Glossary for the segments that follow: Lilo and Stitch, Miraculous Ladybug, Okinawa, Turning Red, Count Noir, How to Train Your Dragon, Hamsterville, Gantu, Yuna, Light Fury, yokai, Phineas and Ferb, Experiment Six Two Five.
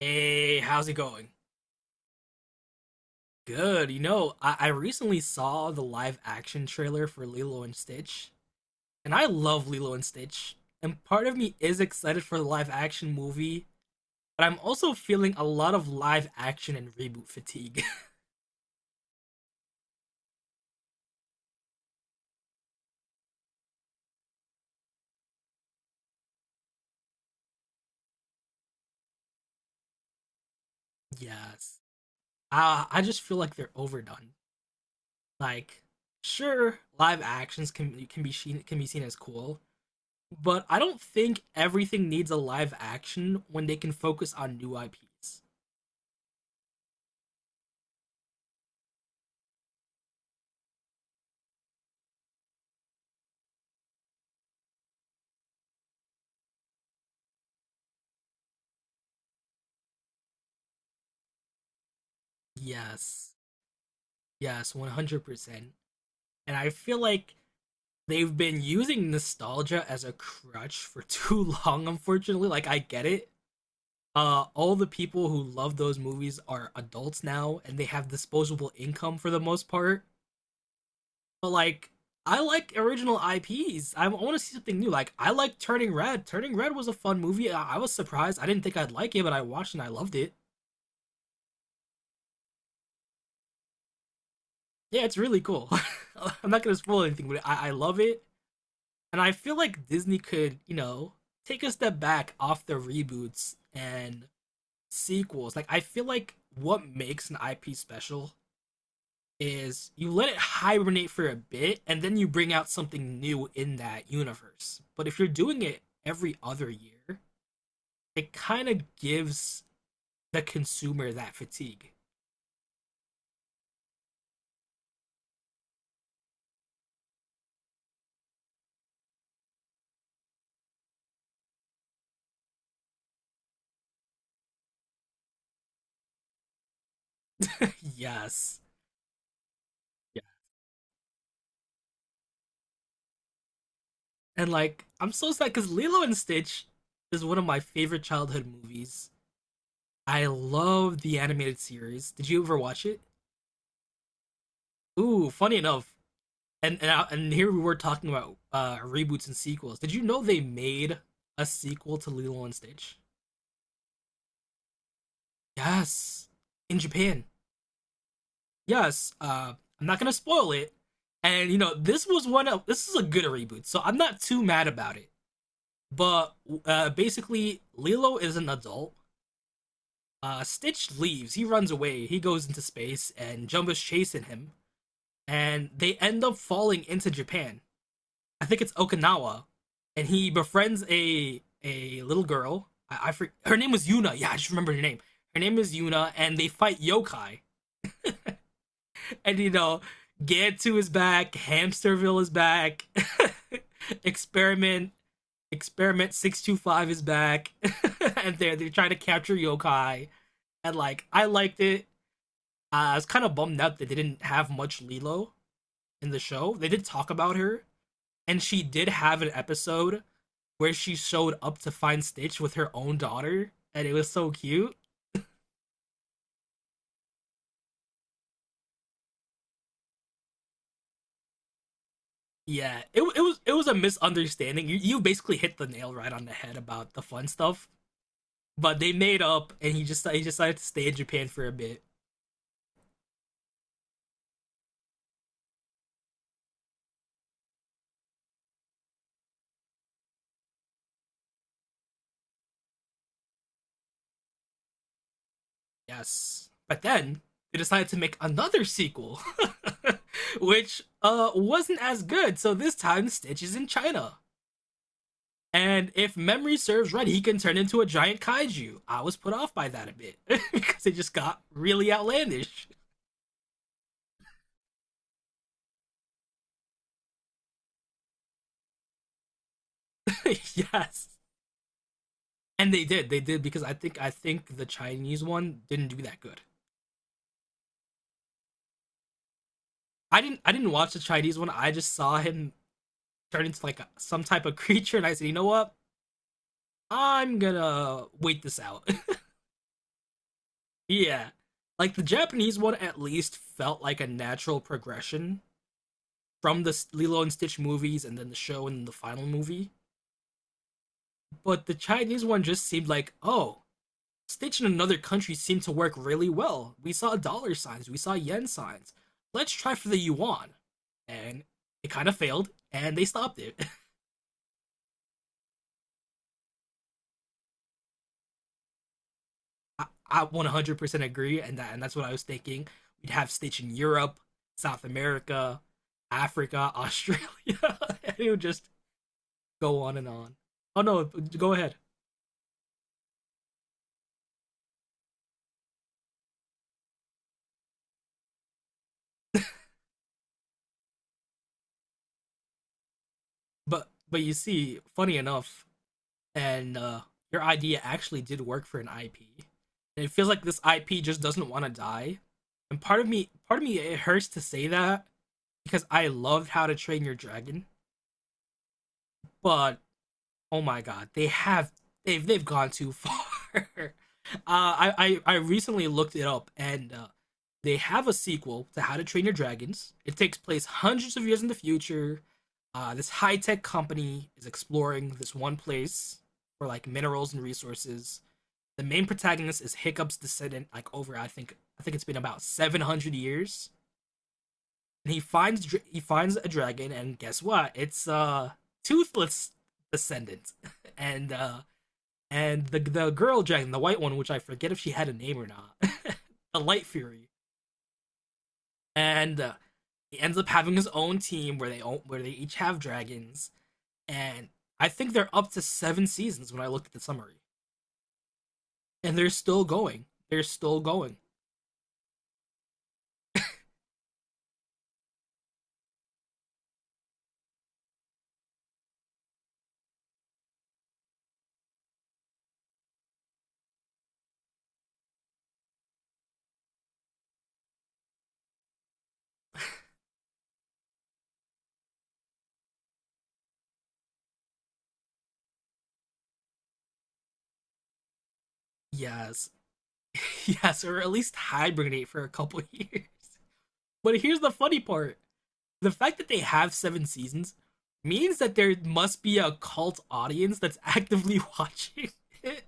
Hey, how's it going? Good. You know, I recently saw the live action trailer for Lilo and Stitch, and I love Lilo and Stitch. And part of me is excited for the live action movie, but I'm also feeling a lot of live action and reboot fatigue. Yes. I just feel like they're overdone. Like, sure, live actions can be seen as cool, but I don't think everything needs a live action when they can focus on new IPs. Yes. Yes, 100%. And I feel like they've been using nostalgia as a crutch for too long, unfortunately. Like, I get it. All the people who love those movies are adults now and they have disposable income for the most part. But, like, I like original IPs. I want to see something new. Like, I like Turning Red. Turning Red was a fun movie. I was surprised. I didn't think I'd like it, but I watched and I loved it. Yeah, it's really cool. I'm not going to spoil anything, but I love it. And I feel like Disney could, take a step back off the reboots and sequels. Like I feel like what makes an IP special is you let it hibernate for a bit and then you bring out something new in that universe. But if you're doing it every other year, it kind of gives the consumer that fatigue. Yes. Yeah. And like I'm so sad cuz Lilo and Stitch is one of my favorite childhood movies. I love the animated series. Did you ever watch it? Ooh, funny enough, and here we were talking about reboots and sequels. Did you know they made a sequel to Lilo and Stitch? Yes, in Japan. Yes. I'm not gonna spoil it. And you know, this was one of this is a good reboot, so I'm not too mad about it. But basically, Lilo is an adult. Stitch leaves. He runs away. He goes into space, and Jumba's chasing him, and they end up falling into Japan. I think it's Okinawa, and he befriends a little girl. Her name was Yuna. Yeah, I just remember her name. Her name is Yuna, and they fight yokai. And you know, Gantu is back, Hamsterville is back, Experiment Experiment 625 is back, and they're trying to capture yokai. And like, I liked it. I was kind of bummed out they didn't have much Lilo in the show. They did talk about her, and she did have an episode where she showed up to find Stitch with her own daughter, and it was so cute. Yeah, it was a misunderstanding. You basically hit the nail right on the head about the fun stuff, but they made up, and he decided to stay in Japan for a bit. Yes. But then they decided to make another sequel, which wasn't as good. So this time, Stitch is in China. And if memory serves right, he can turn into a giant kaiju. I was put off by that a bit because it just got really outlandish. Yes. And they did. They did because I think the Chinese one didn't do that good. I didn't watch the Chinese one. I just saw him turn into like a, some type of creature and I said, "You know what? I'm going to wait this out." Yeah. Like the Japanese one at least felt like a natural progression from the Lilo and Stitch movies and then the show and the final movie. But the Chinese one just seemed like, oh, Stitch in another country seemed to work really well. We saw dollar signs, we saw yen signs. Let's try for the yuan. And it kind of failed and they stopped it. I, I 100% agree, and that's what I was thinking. We'd have Stitch in Europe, South America, Africa, Australia. And it would just go on and on. Oh no, go ahead. But you see, funny enough, and your idea actually did work for an IP. And it feels like this IP just doesn't want to die. And part of me, it hurts to say that because I loved How to Train Your Dragon, but oh my god, they've gone too far. uh, I recently looked it up, and they have a sequel to How to Train Your Dragons. It takes place hundreds of years in the future. This high tech company is exploring this one place for like minerals and resources. The main protagonist is Hiccup's descendant, like over I think it's been about 700 years, and he finds a dragon, and guess what? It's a toothless descendant, and uh and the girl dragon, the white one, which I forget if she had a name or not, the Light Fury, and he ends up having his own team where they each have dragons, and I think they're up to seven seasons when I looked at the summary, and they're still going. They're still going. Yes, yes, or at least hibernate for a couple years. But here's the funny part: the fact that they have seven seasons means that there must be a cult audience that's actively watching it.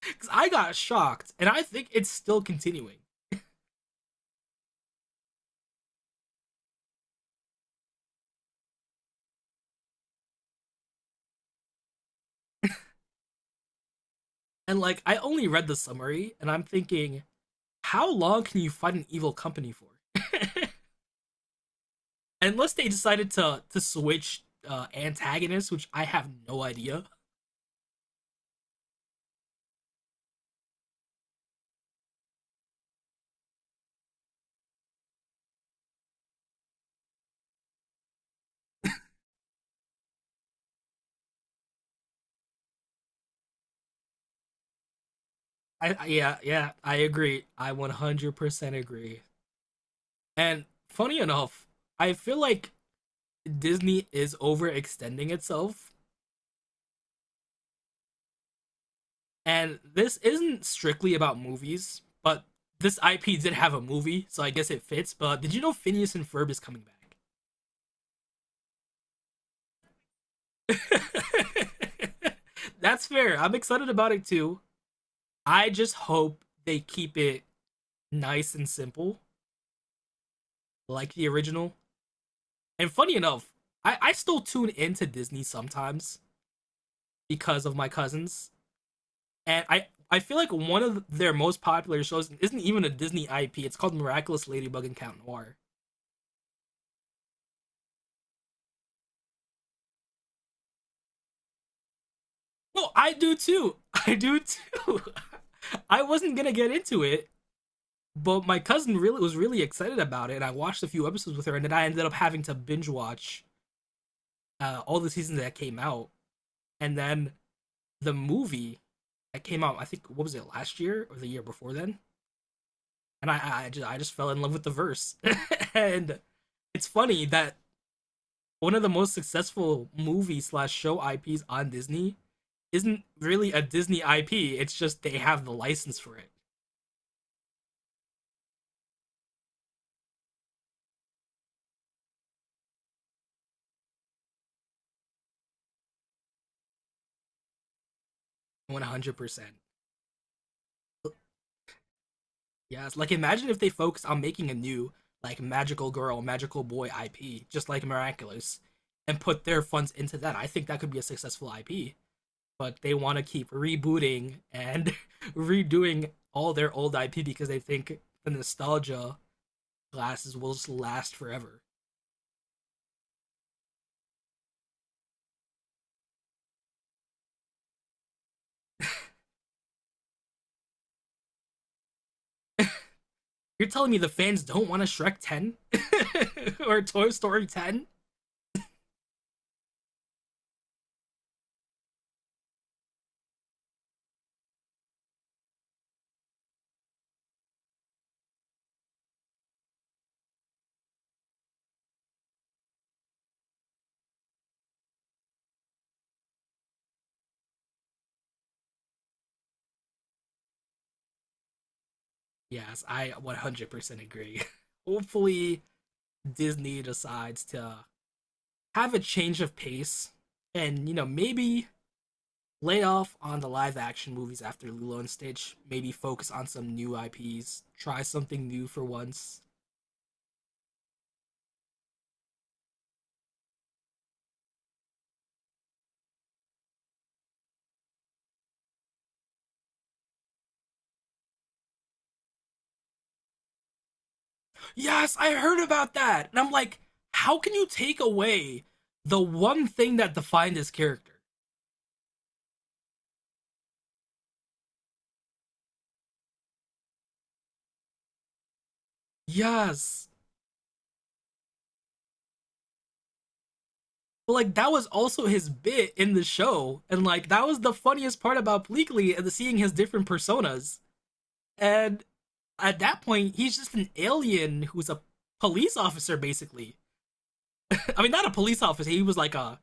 Because I got shocked, and I think it's still continuing. And like, I only read the summary, and I'm thinking, how long can you fight an evil company for? Unless they decided to switch antagonists, which I have no idea. I yeah yeah I agree. I 100% agree. And funny enough, I feel like Disney is overextending itself. And this isn't strictly about movies, but this IP did have a movie, so I guess it fits. But did you know Phineas and Ferb is coming back? That's fair. I'm excited about it too. I just hope they keep it nice and simple, like the original. And funny enough, I still tune into Disney sometimes because of my cousins. And I feel like one of their most popular shows isn't even a Disney IP. It's called Miraculous Ladybug and Count Noir. No, I do too. I do too. I wasn't gonna get into it, but my cousin really excited about it, and I watched a few episodes with her, and then I ended up having to binge watch all the seasons that came out, and then the movie that came out. I think what was it, last year or the year before then? And I just fell in love with the verse, and it's funny that one of the most successful movie slash show IPs on Disney isn't really a Disney IP. It's just they have the license for it. 100%. Yes. Like imagine if they focused on making a new like magical girl, magical boy IP, just like Miraculous, and put their funds into that. I think that could be a successful IP. But they want to keep rebooting and redoing all their old IP because they think the nostalgia glasses will just last forever. You're telling me the fans don't want a Shrek 10 or Toy Story 10? Yes, I 100% agree. Hopefully, Disney decides to have a change of pace and you know maybe lay off on the live action movies after Lilo and Stitch, maybe focus on some new IPs, try something new for once. Yes, I heard about that. And I'm like, how can you take away the one thing that defined his character? Yes. But like that was also his bit in the show. And like that was the funniest part about Bleakley and the seeing his different personas. And at that point, he's just an alien who's a police officer basically. I mean, not a police officer. He was like a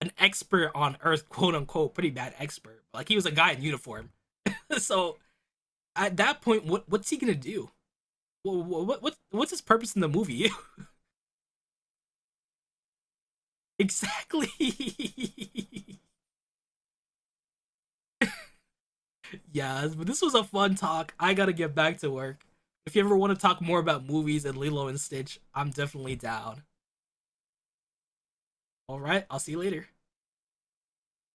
an expert on Earth, quote unquote, pretty bad expert. Like he was a guy in uniform. So at that point, what's he gonna do? What's his purpose in the movie? Exactly. Yeah, but this was a fun talk. I gotta get back to work. If you ever want to talk more about movies and Lilo and Stitch, I'm definitely down. All right, I'll see you later.